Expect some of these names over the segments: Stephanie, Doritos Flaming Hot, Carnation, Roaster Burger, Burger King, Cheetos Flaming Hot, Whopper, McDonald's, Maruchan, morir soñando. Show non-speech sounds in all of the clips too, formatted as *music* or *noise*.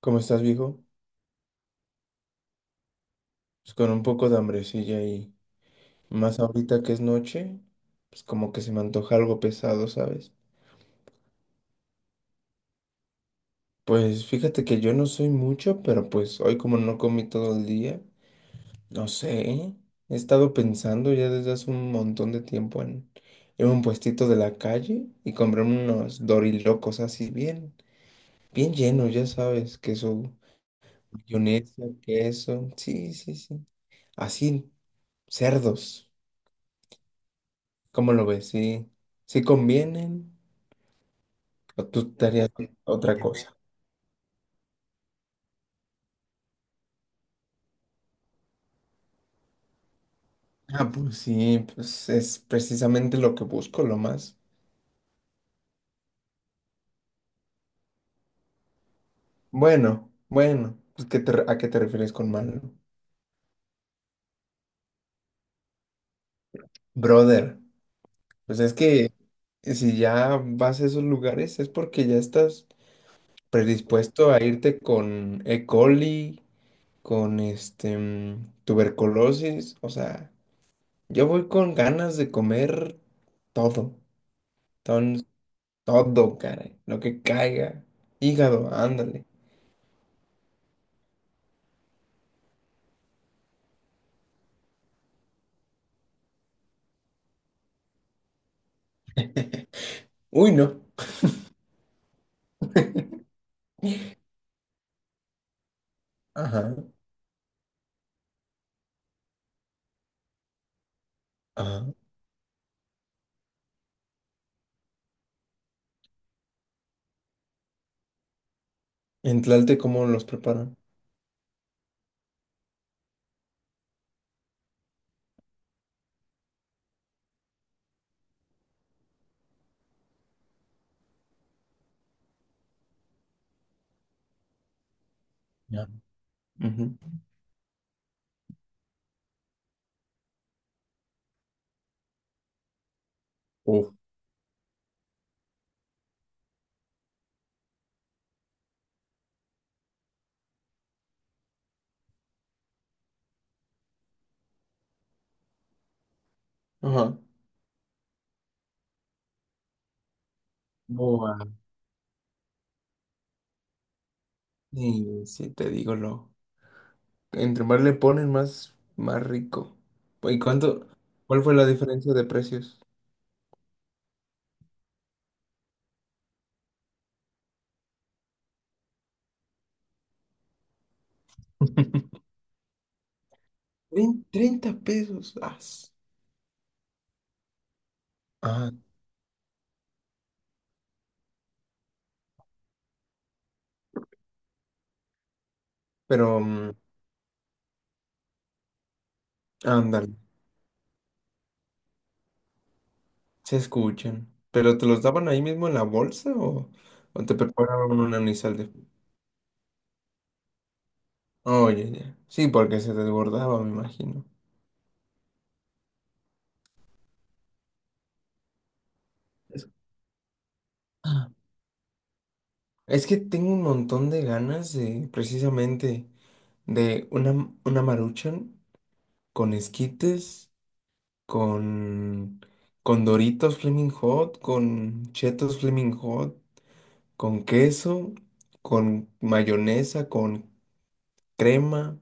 ¿Cómo estás, viejo? Pues con un poco de hambrecilla y más ahorita que es noche, pues como que se me antoja algo pesado, ¿sabes? Pues fíjate que yo no soy mucho, pero pues hoy como no comí todo el día, no sé, ¿eh? He estado pensando ya desde hace un montón de tiempo en ir a un puestito de la calle y comprarme unos dorilocos así bien, bien llenos, ya sabes, queso, mayonesa, queso, sí, sí, sí, así, cerdos. ¿Cómo lo ves? ¿Sí, sí convienen? ¿O tú estarías otra cosa? Ah, pues sí, pues es precisamente lo que busco, lo más. Bueno, bueno, pues ¿a qué te refieres con malo? Brother, pues es que si ya vas a esos lugares es porque ya estás predispuesto a irte con E. coli, con este tuberculosis, o sea, yo voy con ganas de comer todo. Todo, caray. Lo que caiga. Hígado, ándale. Uy, no. Ajá, ajá. En Tlalte, ¿cómo los preparan? Ya. Ujú. Uf. Ajá. Boa. Sí, sí, te digo lo. Entre más le ponen, más, más rico. ¿Y cuánto? ¿Cuál fue la diferencia de precios? *laughs* 30 pesos. As. Ah, pero, ándale, se escuchan. ¿Pero te los daban ahí mismo en la bolsa o te preparaban un anisal? Oye, ya. Sí, porque se desbordaba, me imagino. Eso. Ah. Es que tengo un montón de ganas de, precisamente, de una Maruchan con esquites, con, con Doritos Flaming Hot, con Cheetos Flaming Hot, con queso, con mayonesa, con crema.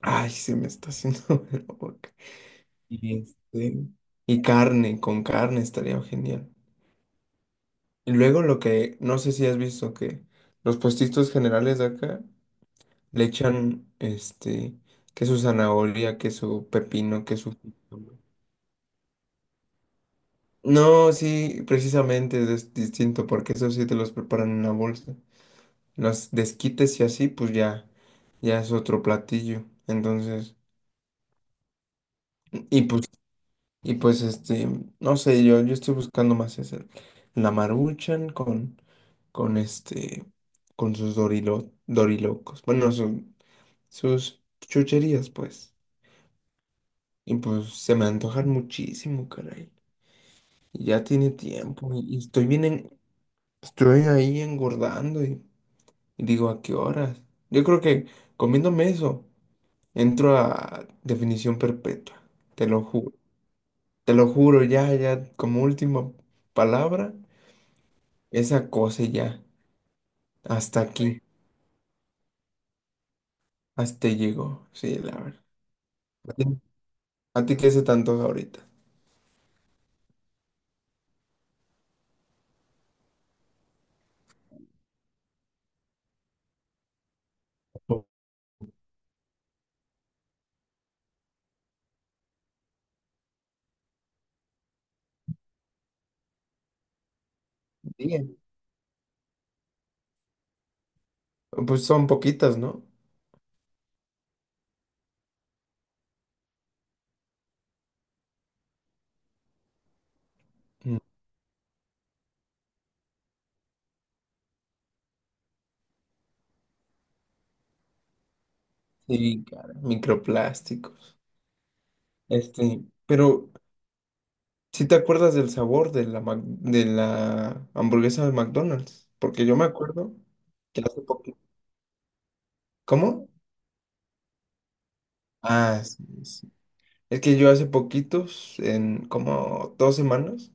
Ay, se me está haciendo *laughs* agua la boca. Y, este, y carne, con carne estaría genial. Y luego lo que, no sé si has visto que los puestitos generales de acá le echan, que su zanahoria, que su pepino, que su. No, sí, precisamente es distinto, porque eso sí te los preparan en una bolsa. Los desquites y así, pues ya, ya es otro platillo. Entonces, y pues, y pues no sé, yo estoy buscando más eso. La Maruchan con este, con sus dorilocos. Bueno, sus chucherías, pues. Y pues se me antojan muchísimo, caray. Y ya tiene tiempo y estoy bien, estoy ahí engordando y digo, ¿a qué horas? Yo creo que comiéndome eso, entro a definición perpetua, te lo juro. Te lo juro, ya, ya, como última palabra, esa cosa y ya, hasta aquí, hasta ahí llegó, sí, la verdad. ¿A ti, a ti qué se tanto ahorita? Bien. Pues son poquitas, ¿no? Sí, cara, microplásticos. Pero si te acuerdas del sabor de la hamburguesa de McDonald's? Porque yo me acuerdo que hace poquito. ¿Cómo? Ah, sí, sí. Es que yo hace poquitos, en como 2 semanas,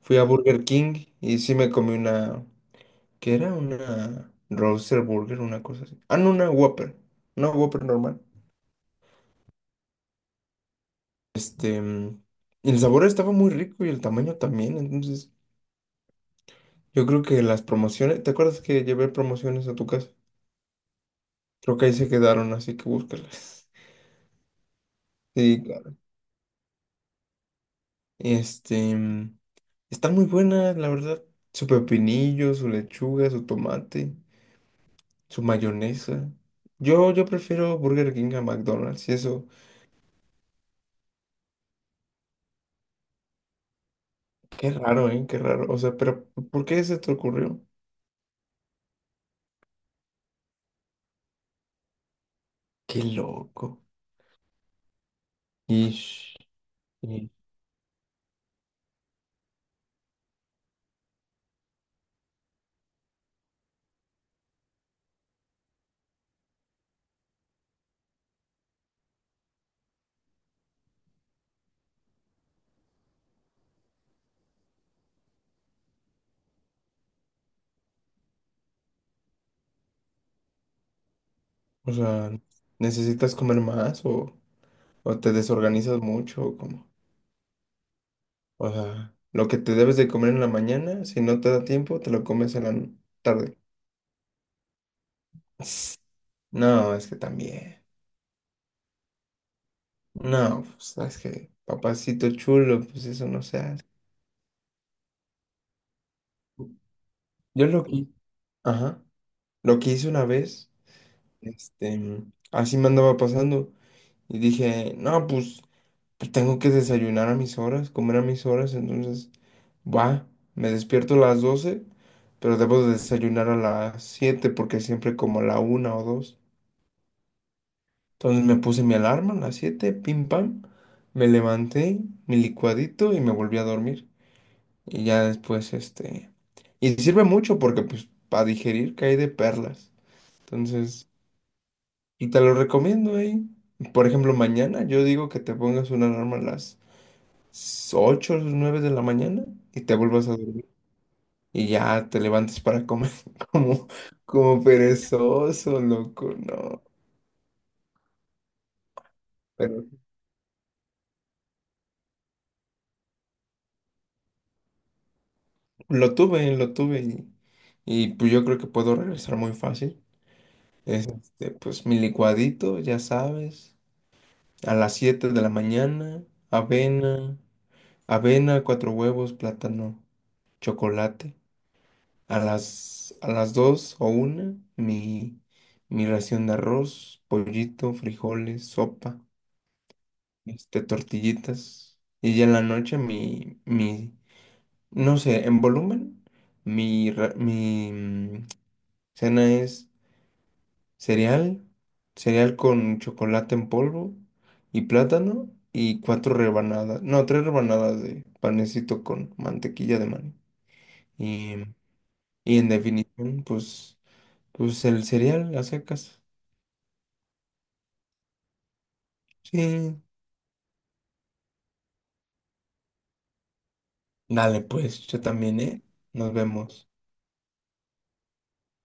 fui a Burger King y sí me comí una. ¿Qué era? Una Roaster Burger, una cosa así. Ah, no, una Whopper. Una Whopper normal. Este. mm, Y el sabor estaba muy rico y el tamaño también, entonces. Yo creo que las promociones, ¿te acuerdas que llevé promociones a tu casa? Creo que ahí se quedaron, así que búscalas. *laughs* Sí, claro. Este, mm, Están muy buenas, la verdad. Su pepinillo, su lechuga, su tomate, su mayonesa. Yo prefiero Burger King a McDonald's y eso. Qué raro, ¿eh? Qué raro. O sea, pero ¿por qué se te ocurrió? Qué loco. Ish, ish. O sea, ¿necesitas comer más o te desorganizas mucho o cómo? O sea, lo que te debes de comer en la mañana, si no te da tiempo, te lo comes en la tarde. No, es que también. No, pues es que papacito chulo, pues eso no se hace. Yo lo que, ajá, lo que hice una vez, este, así me andaba pasando y dije, no, pues tengo que desayunar a mis horas, comer a mis horas, entonces, va, me despierto a las 12 pero debo de desayunar a las 7 porque siempre como a la 1 o 2. Entonces me puse mi alarma a las 7 pim pam, me levanté, mi licuadito y me volví a dormir. Y ya después. Y sirve mucho porque pues para digerir cae de perlas. Entonces, y te lo recomiendo ahí. Por ejemplo, mañana yo digo que te pongas una alarma a las 8 o 9 de la mañana y te vuelvas a dormir. Y ya te levantes para comer *laughs* como, como perezoso, loco, no. Lo tuve y pues yo creo que puedo regresar muy fácil. Es este, pues mi licuadito, ya sabes, a las 7 de la mañana, avena, avena, cuatro huevos, plátano, chocolate. A las 2 o 1 mi ración de arroz, pollito, frijoles, sopa, tortillitas. Y ya en la noche mi, no sé, en volumen, mi, ra- mi mm, cena es cereal, cereal con chocolate en polvo y plátano y cuatro rebanadas, no, tres rebanadas de panecito con mantequilla de maní. Y, y en definición, pues el cereal a secas. Sí. Dale, pues, yo también, ¿eh? Nos vemos.